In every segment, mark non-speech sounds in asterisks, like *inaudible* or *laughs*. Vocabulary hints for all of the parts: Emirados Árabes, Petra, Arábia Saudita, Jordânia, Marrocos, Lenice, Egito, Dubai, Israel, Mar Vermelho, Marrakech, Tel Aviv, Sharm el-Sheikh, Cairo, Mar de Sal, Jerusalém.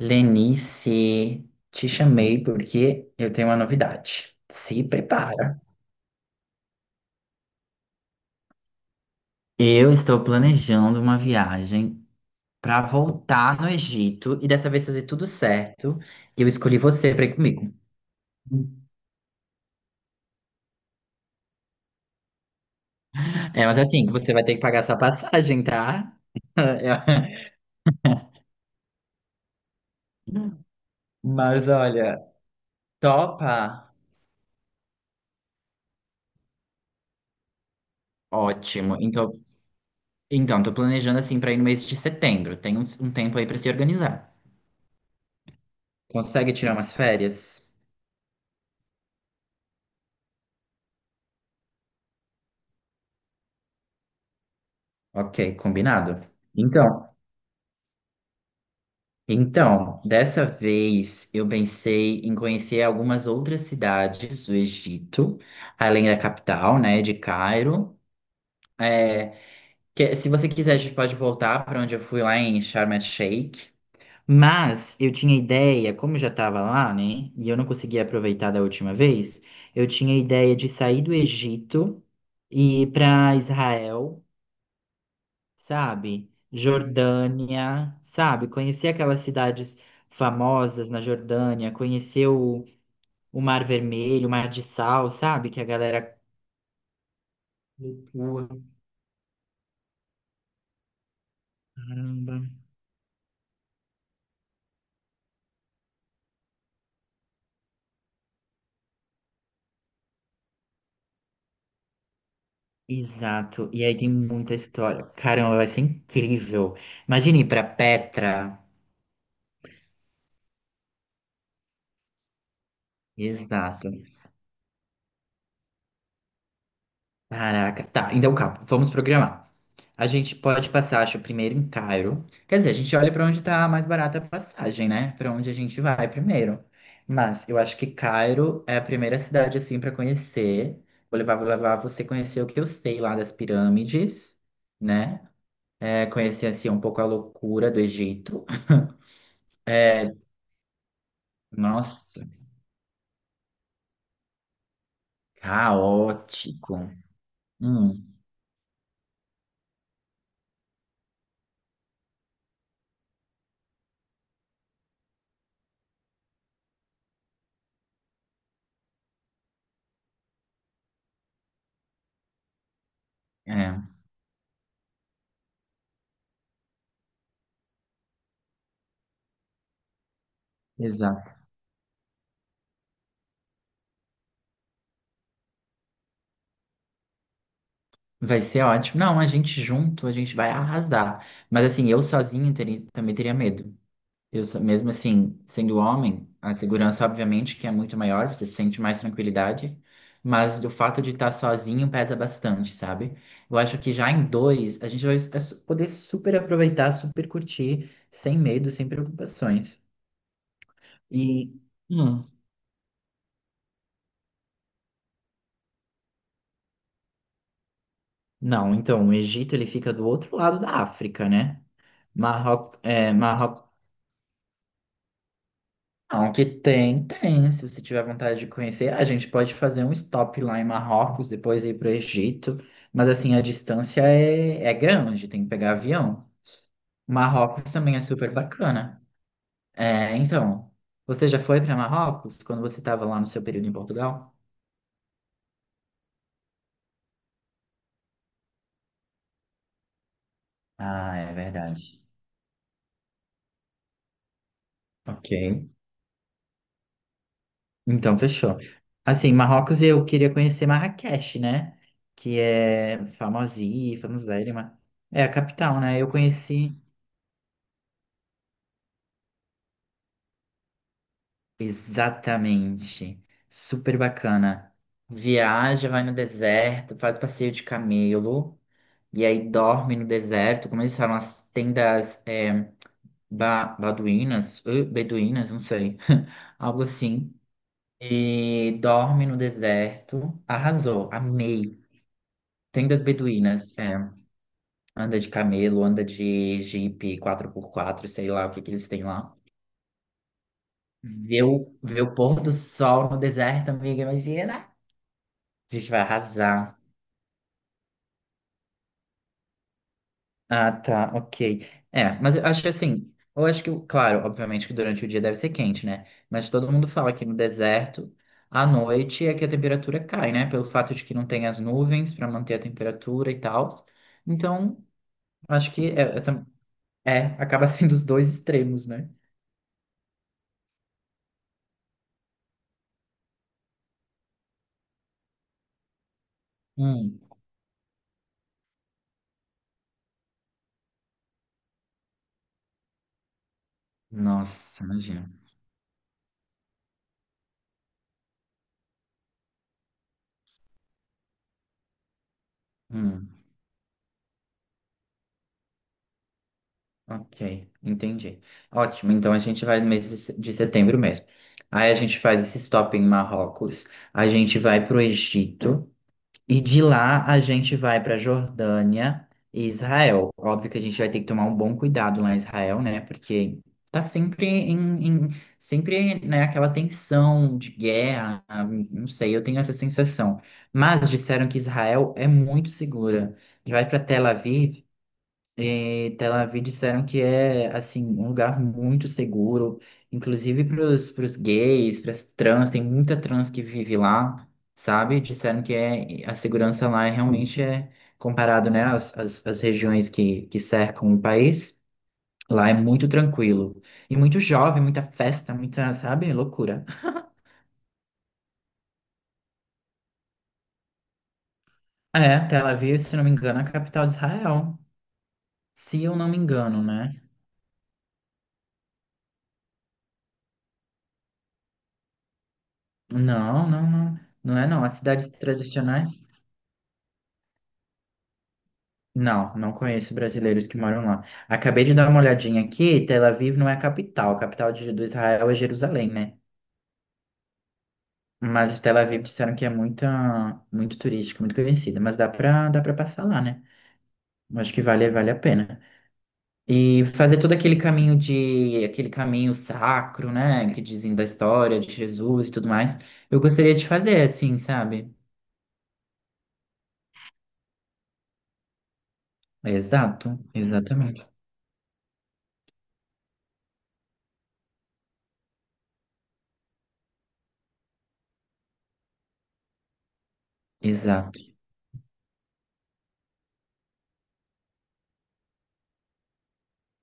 Lenice, te chamei porque eu tenho uma novidade. Se prepara. Eu estou planejando uma viagem para voltar no Egito e dessa vez fazer tudo certo. E eu escolhi você para ir comigo. É, mas assim, você vai ter que pagar sua passagem, tá? *laughs* É. Mas olha, topa? Ótimo. Então, tô planejando assim para ir no mês de setembro. Tem um tempo aí para se organizar. Consegue tirar umas férias? Ok, combinado. Então, então, dessa vez eu pensei em conhecer algumas outras cidades do Egito, além da capital, né, de Cairo. É, se você quiser, a gente pode voltar para onde eu fui lá em Sharm el-Sheikh. Mas eu tinha ideia, como eu já estava lá, né, e eu não conseguia aproveitar da última vez, eu tinha ideia de sair do Egito e ir para Israel. Sabe? Jordânia, sabe? Conhecer aquelas cidades famosas na Jordânia, conhecer o Mar Vermelho, o Mar de Sal, sabe? Que a galera cultua. Caramba. Exato. E aí tem muita história. Caramba, vai ser incrível. Imagine ir para Petra. Exato. Caraca, tá. Então, calma, vamos programar. A gente pode passar, acho, primeiro em Cairo. Quer dizer, a gente olha pra onde tá mais barata a passagem, né? Pra onde a gente vai primeiro. Mas eu acho que Cairo é a primeira cidade, assim, pra conhecer. Vou levar você conhecer o que eu sei lá das pirâmides, né? É, conhecer, assim, um pouco a loucura do Egito. *laughs* Nossa, caótico. Hum, é, Vai ser ótimo. Não, a gente junto, a gente vai arrasar. Mas assim, eu sozinho também teria medo. Mesmo assim, sendo homem, a segurança obviamente que é muito maior, você sente mais tranquilidade, mas do fato de estar sozinho pesa bastante, sabe? Eu acho que já em dois, a gente poder super aproveitar, super curtir, sem medo, sem preocupações. E, hum, não, então, o Egito ele fica do outro lado da África, né? Marrocos, não, que tem, tem. Se você tiver vontade de conhecer, a gente pode fazer um stop lá em Marrocos, depois ir para o Egito. Mas assim, a distância é grande, tem que pegar avião. Marrocos também é super bacana. É, então, você já foi para Marrocos quando você estava lá no seu período em Portugal? Ah, é verdade. Ok. Então, fechou. Assim, Marrocos eu queria conhecer Marrakech, né? Que é famosíssima, famosérrima. É a capital, né? Eu conheci. Exatamente. Super bacana. Viaja, vai no deserto, faz passeio de camelo, e aí dorme no deserto, como eles falam, as tendas é, baduínas, beduínas, não sei, *laughs* algo assim. E dorme no deserto. Arrasou, amei. Tendas beduínas, é, anda de camelo, anda de jipe quatro por quatro sei lá o que que eles têm lá. Ver o, ver o pôr do sol no deserto, amiga, imagina! A gente vai arrasar. Ah, tá, ok. É, mas eu acho que assim, eu acho que, claro, obviamente que durante o dia deve ser quente, né? Mas todo mundo fala que no deserto, à noite é que a temperatura cai, né? Pelo fato de que não tem as nuvens para manter a temperatura e tal. Então, acho que acaba *laughs* sendo os dois extremos, né? Hum. Nossa, imagina. Hum. Ok, entendi. Ótimo, então a gente vai no mês de se- de setembro mesmo. Aí a gente faz esse stop em Marrocos, a gente vai para o Egito e de lá a gente vai para Jordânia e Israel. Óbvio que a gente vai ter que tomar um bom cuidado lá em Israel, né? Porque tá sempre em, em- sempre, né, aquela tensão de guerra, ah, não sei, eu tenho essa sensação. Mas disseram que Israel é muito segura. Vai para Tel Aviv. E Tel Aviv disseram que é assim um lugar muito seguro, inclusive para os gays, para as trans, tem muita trans que vive lá, sabe? Disseram que é, a segurança lá é, realmente é comparado, né, às regiões que cercam o país. Lá é muito tranquilo. E muito jovem, muita festa, muita, sabe, loucura. É, Tel Aviv, se não me engano, é a capital de Israel. Se eu não me engano, né? Não. Não é não. As cidades tradicionais. Não, não conheço brasileiros que moram lá. Acabei de dar uma olhadinha aqui, Tel Aviv não é a capital. A capital do Israel é Jerusalém, né? Mas Tel Aviv disseram que é muito, muito turística, muito conhecida. Mas dá pra passar lá, né? Eu acho que vale a pena. E fazer todo aquele aquele caminho sacro, né? Que dizem da história de Jesus e tudo mais. Eu gostaria de fazer, assim, sabe? Exato, exatamente. Exato.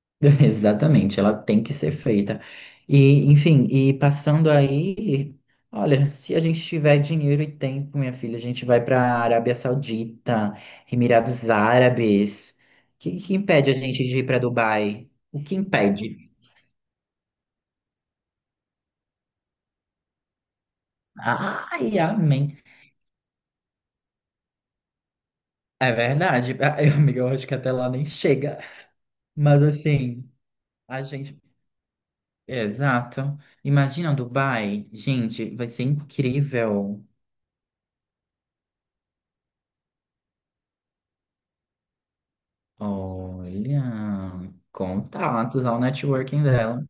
*laughs* Exatamente, ela tem que ser feita. E, enfim, e passando aí, olha, se a gente tiver dinheiro e tempo, minha filha, a gente vai para Arábia Saudita, Emirados Árabes. O que impede a gente de ir para Dubai? O que impede? Ai, amém. É verdade. *laughs* Ai, amiga, eu acho que até lá nem chega. Mas assim, a gente. Exato. Imagina Dubai, gente, vai ser incrível. Olha, contatos ao networking dela.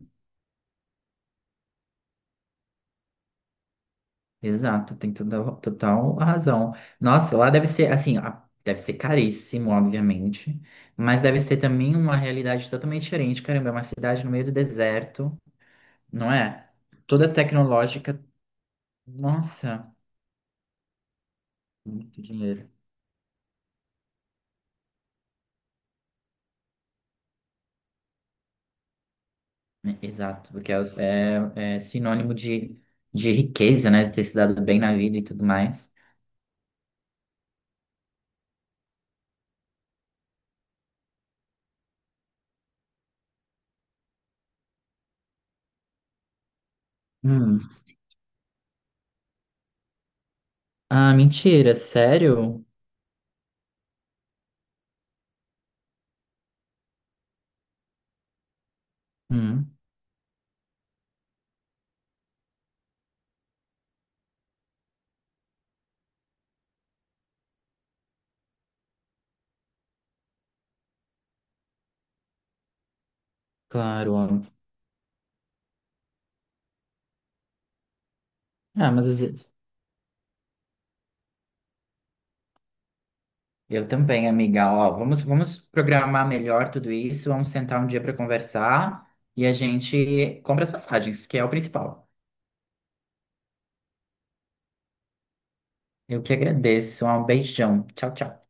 Exato, tem toda, total razão. Nossa, lá deve ser assim, deve ser caríssimo, obviamente, mas deve ser também uma realidade totalmente diferente. Caramba, é uma cidade no meio do deserto, não é? Toda tecnológica. Nossa, muito dinheiro. Né? Exato, porque é, é sinônimo de riqueza, né? De ter se dado bem na vida e tudo mais. Hum. Ah, mentira, sério? Hum. Claro, ó. Ah, mas às vezes- eu também, amiga. Ó, vamos programar melhor tudo isso. Vamos sentar um dia para conversar e a gente compra as passagens, que é o principal. Eu que agradeço. Um beijão. Tchau, tchau.